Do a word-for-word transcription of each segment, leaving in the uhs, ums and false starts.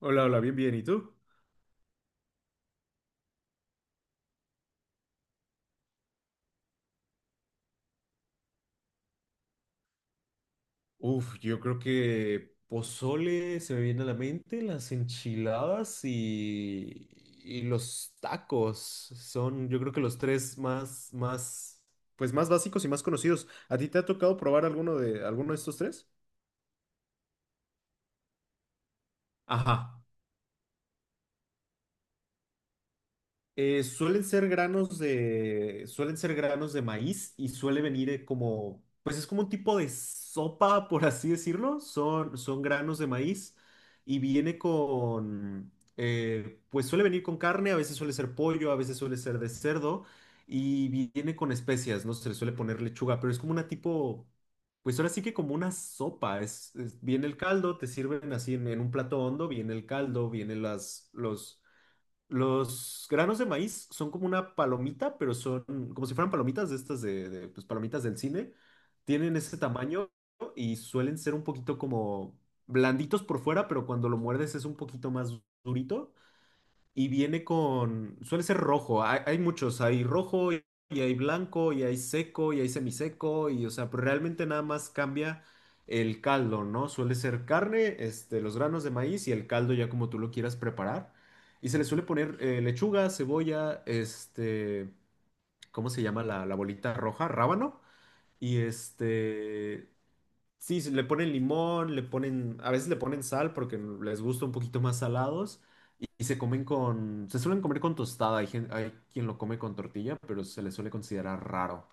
Hola, hola, bien, bien. ¿Y tú? Uf, yo creo que pozole se me viene a la mente, las enchiladas y, y los tacos son, yo creo que los tres más, más, pues más básicos y más conocidos. ¿A ti te ha tocado probar alguno de alguno de estos tres? Ajá. Eh, suelen ser granos de, suelen ser granos de maíz y suele venir eh, como, pues es como un tipo de sopa, por así decirlo. Son, son granos de maíz y viene con, eh, pues suele venir con carne, a veces suele ser pollo, a veces suele ser de cerdo y viene con especias, no se le suele poner lechuga, pero es como una tipo, pues ahora sí que como una sopa. Es, es- viene el caldo, te sirven así en, en un plato hondo, viene el caldo, vienen las, los los granos de maíz son como una palomita, pero son como si fueran palomitas de estas de, de, pues, palomitas del cine. Tienen ese tamaño y suelen ser un poquito como blanditos por fuera, pero cuando lo muerdes es un poquito más durito y viene con, suele ser rojo, hay, hay muchos, hay rojo y hay blanco y hay seco y hay semiseco y o sea, pero realmente nada más cambia el caldo, ¿no? Suele ser carne, este, los granos de maíz y el caldo ya como tú lo quieras preparar. Y se le suele poner eh, lechuga, cebolla, este, ¿cómo se llama la, la bolita roja? Rábano. Y este, sí, se- le ponen limón, le ponen, a veces le ponen sal porque les gusta un poquito más salados y, y se comen con, se suelen comer con tostada, hay, gen- hay quien lo come con tortilla, pero se le suele considerar raro.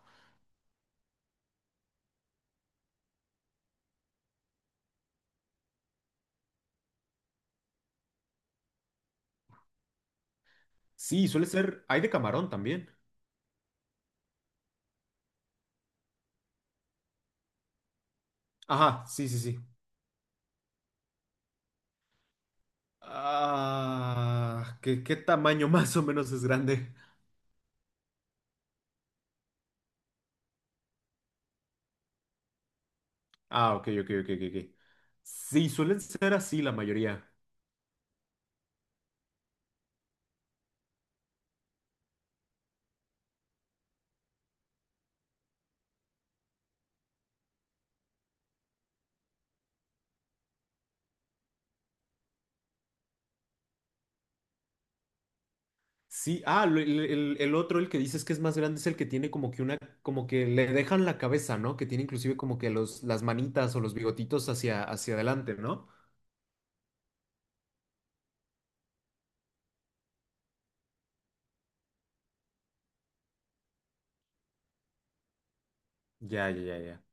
Sí, suele ser, hay de camarón también. Ajá, sí, sí, sí. Ah, ¿qué, qué tamaño más o menos es grande? Ah, ok, ok, ok, ok. Ok. Sí, suelen ser así la mayoría. Sí, ah, lo- el, el- el otro, el que dices que es más grande, es el que tiene como que una, como que le dejan la cabeza, ¿no? Que tiene inclusive como que los, las manitas o los bigotitos hacia, hacia adelante, ¿no? Ya, ya, ya, ya.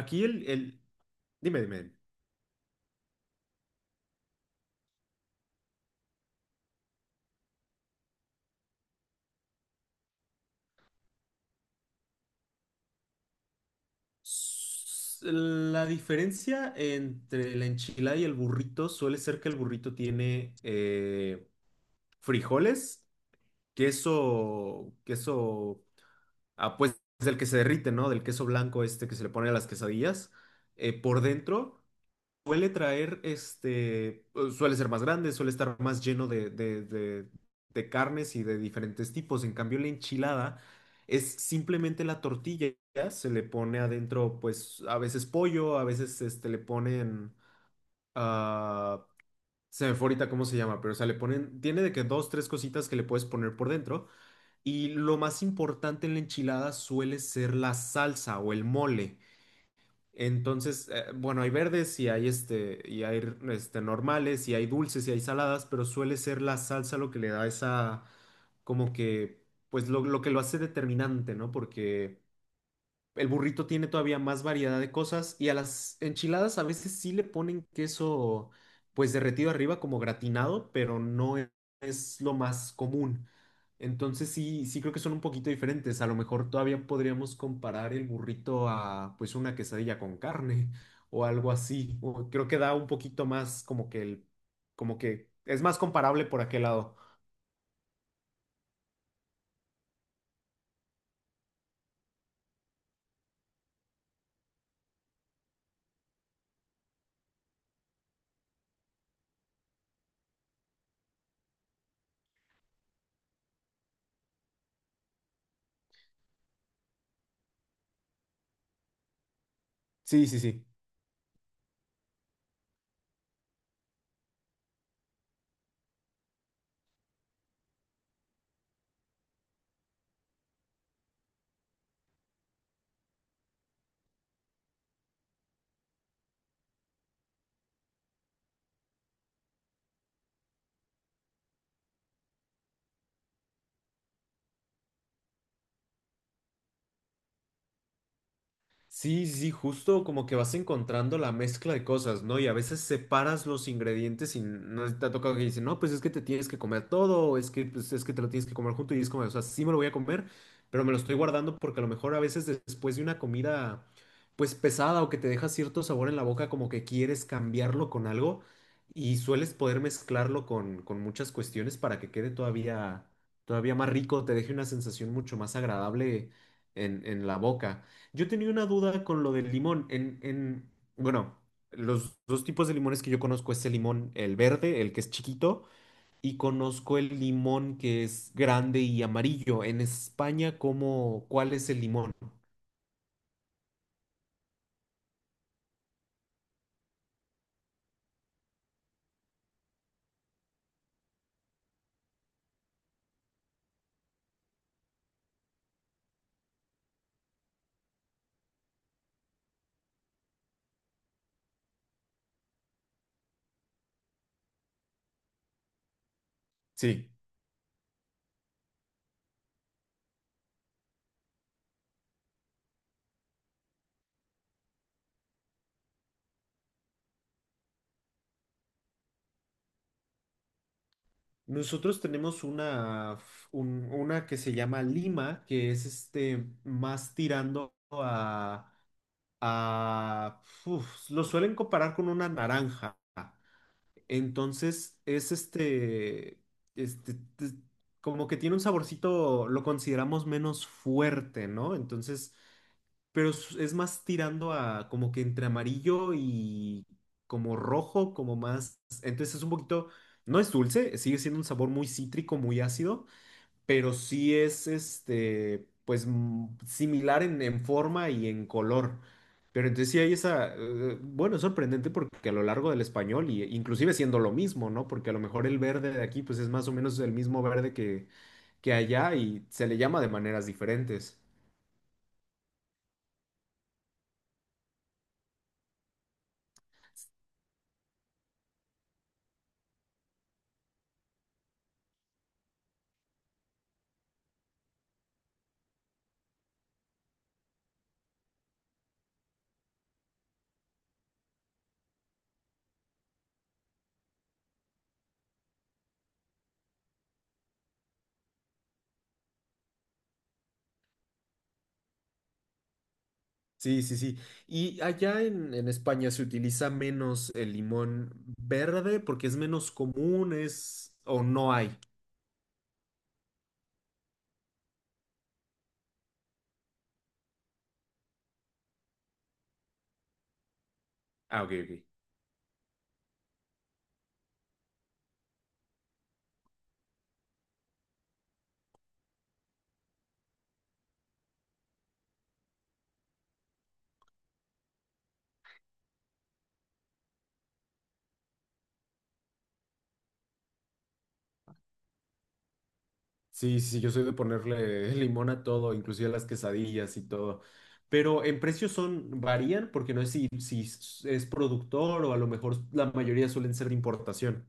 Aquí el, el, Dime, dime. S- La diferencia entre la enchilada y el burrito suele ser que el burrito tiene eh, frijoles, queso, queso, ah, pues del que se derrite, ¿no? Del queso blanco este que se le pone a las quesadillas, eh, por dentro. Suele traer, este, eh, suele ser más grande, suele estar más lleno de, de- de- de carnes y de diferentes tipos. En cambio, la enchilada es simplemente la tortilla, se le pone adentro, pues, a veces pollo, a veces, este, le ponen, ah, se me fue ahorita cómo se llama, pero, o sea, le ponen, tiene de que dos, tres cositas que le puedes poner por dentro. Y lo más importante en la enchilada suele ser la salsa o el mole. Entonces, eh, bueno, hay verdes y hay este, y hay este, normales y hay dulces y hay saladas, pero suele ser la salsa lo que le da esa, como que, pues lo, lo que lo hace determinante, ¿no? Porque el burrito tiene todavía más variedad de cosas y a las enchiladas a veces sí le ponen queso pues derretido arriba como gratinado, pero no e- es lo más común. Entonces sí, sí creo que son un poquito diferentes. A lo mejor todavía podríamos comparar el burrito a pues una quesadilla con carne o algo así. O creo que da un poquito más como que el, como que es más comparable por aquel lado. Sí, sí, sí. Sí, sí, sí, justo como que vas encontrando la mezcla de cosas, ¿no? Y a veces separas los ingredientes y no te ha tocado que dicen, no, pues es que te tienes que comer todo, o es que, pues, es que te lo tienes que comer junto y es como, o sea, sí me lo voy a comer, pero me lo estoy guardando porque a lo mejor a veces después de una comida, pues pesada o que te deja cierto sabor en la boca, como que quieres cambiarlo con algo y sueles poder mezclarlo con, con muchas cuestiones para que quede todavía, todavía más rico, te deje una sensación mucho más agradable en en la boca. Yo tenía una duda con lo del limón. En, en, bueno, los dos tipos de limones que yo conozco es el limón, el verde, el que es chiquito, y conozco el limón que es grande y amarillo. En España, ¿cómo, cuál es el limón? Sí. Nosotros tenemos una, f- un- una que se llama lima, que es este más tirando a, a uf, lo suelen comparar con una naranja. Entonces es este, este, te- como que tiene un saborcito, lo consideramos menos fuerte, ¿no? Entonces, pero es, es más tirando a como que entre amarillo y como rojo, como más, entonces es un poquito, no es dulce, sigue siendo un sabor muy cítrico, muy ácido, pero sí es este, pues mm, similar en, en forma y en color. Pero entonces sí hay esa, eh, bueno, es sorprendente porque a lo largo del español, y inclusive siendo lo mismo, ¿no? Porque a lo mejor el verde de aquí, pues es más o menos el mismo verde que, que allá y se le llama de maneras diferentes. Sí, sí, sí. Y allá en, en España se utiliza menos el limón verde porque es menos común, es o no hay. Ah, ok, ok. Sí, sí, sí, yo soy de ponerle limón a todo, inclusive a las quesadillas y todo. Pero en precios son, varían porque no es si, si es productor o a lo mejor la mayoría suelen ser de importación.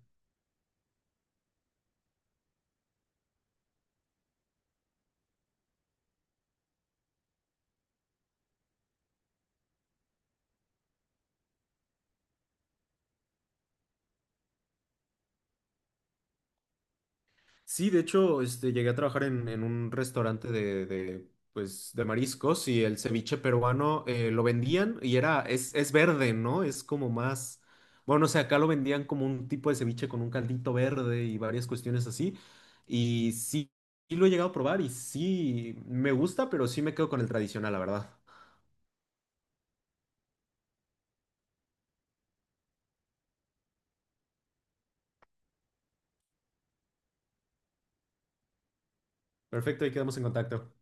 Sí, de hecho, este, llegué a trabajar en, en un restaurante de, de, pues, de mariscos y el ceviche peruano eh, lo vendían y era, es, es verde, ¿no? Es como más, bueno, o sea, acá lo vendían como un tipo de ceviche con un caldito verde y varias cuestiones así. Y sí, sí lo he llegado a probar y sí, me gusta, pero sí me quedo con el tradicional, la verdad. Perfecto, ahí quedamos en contacto.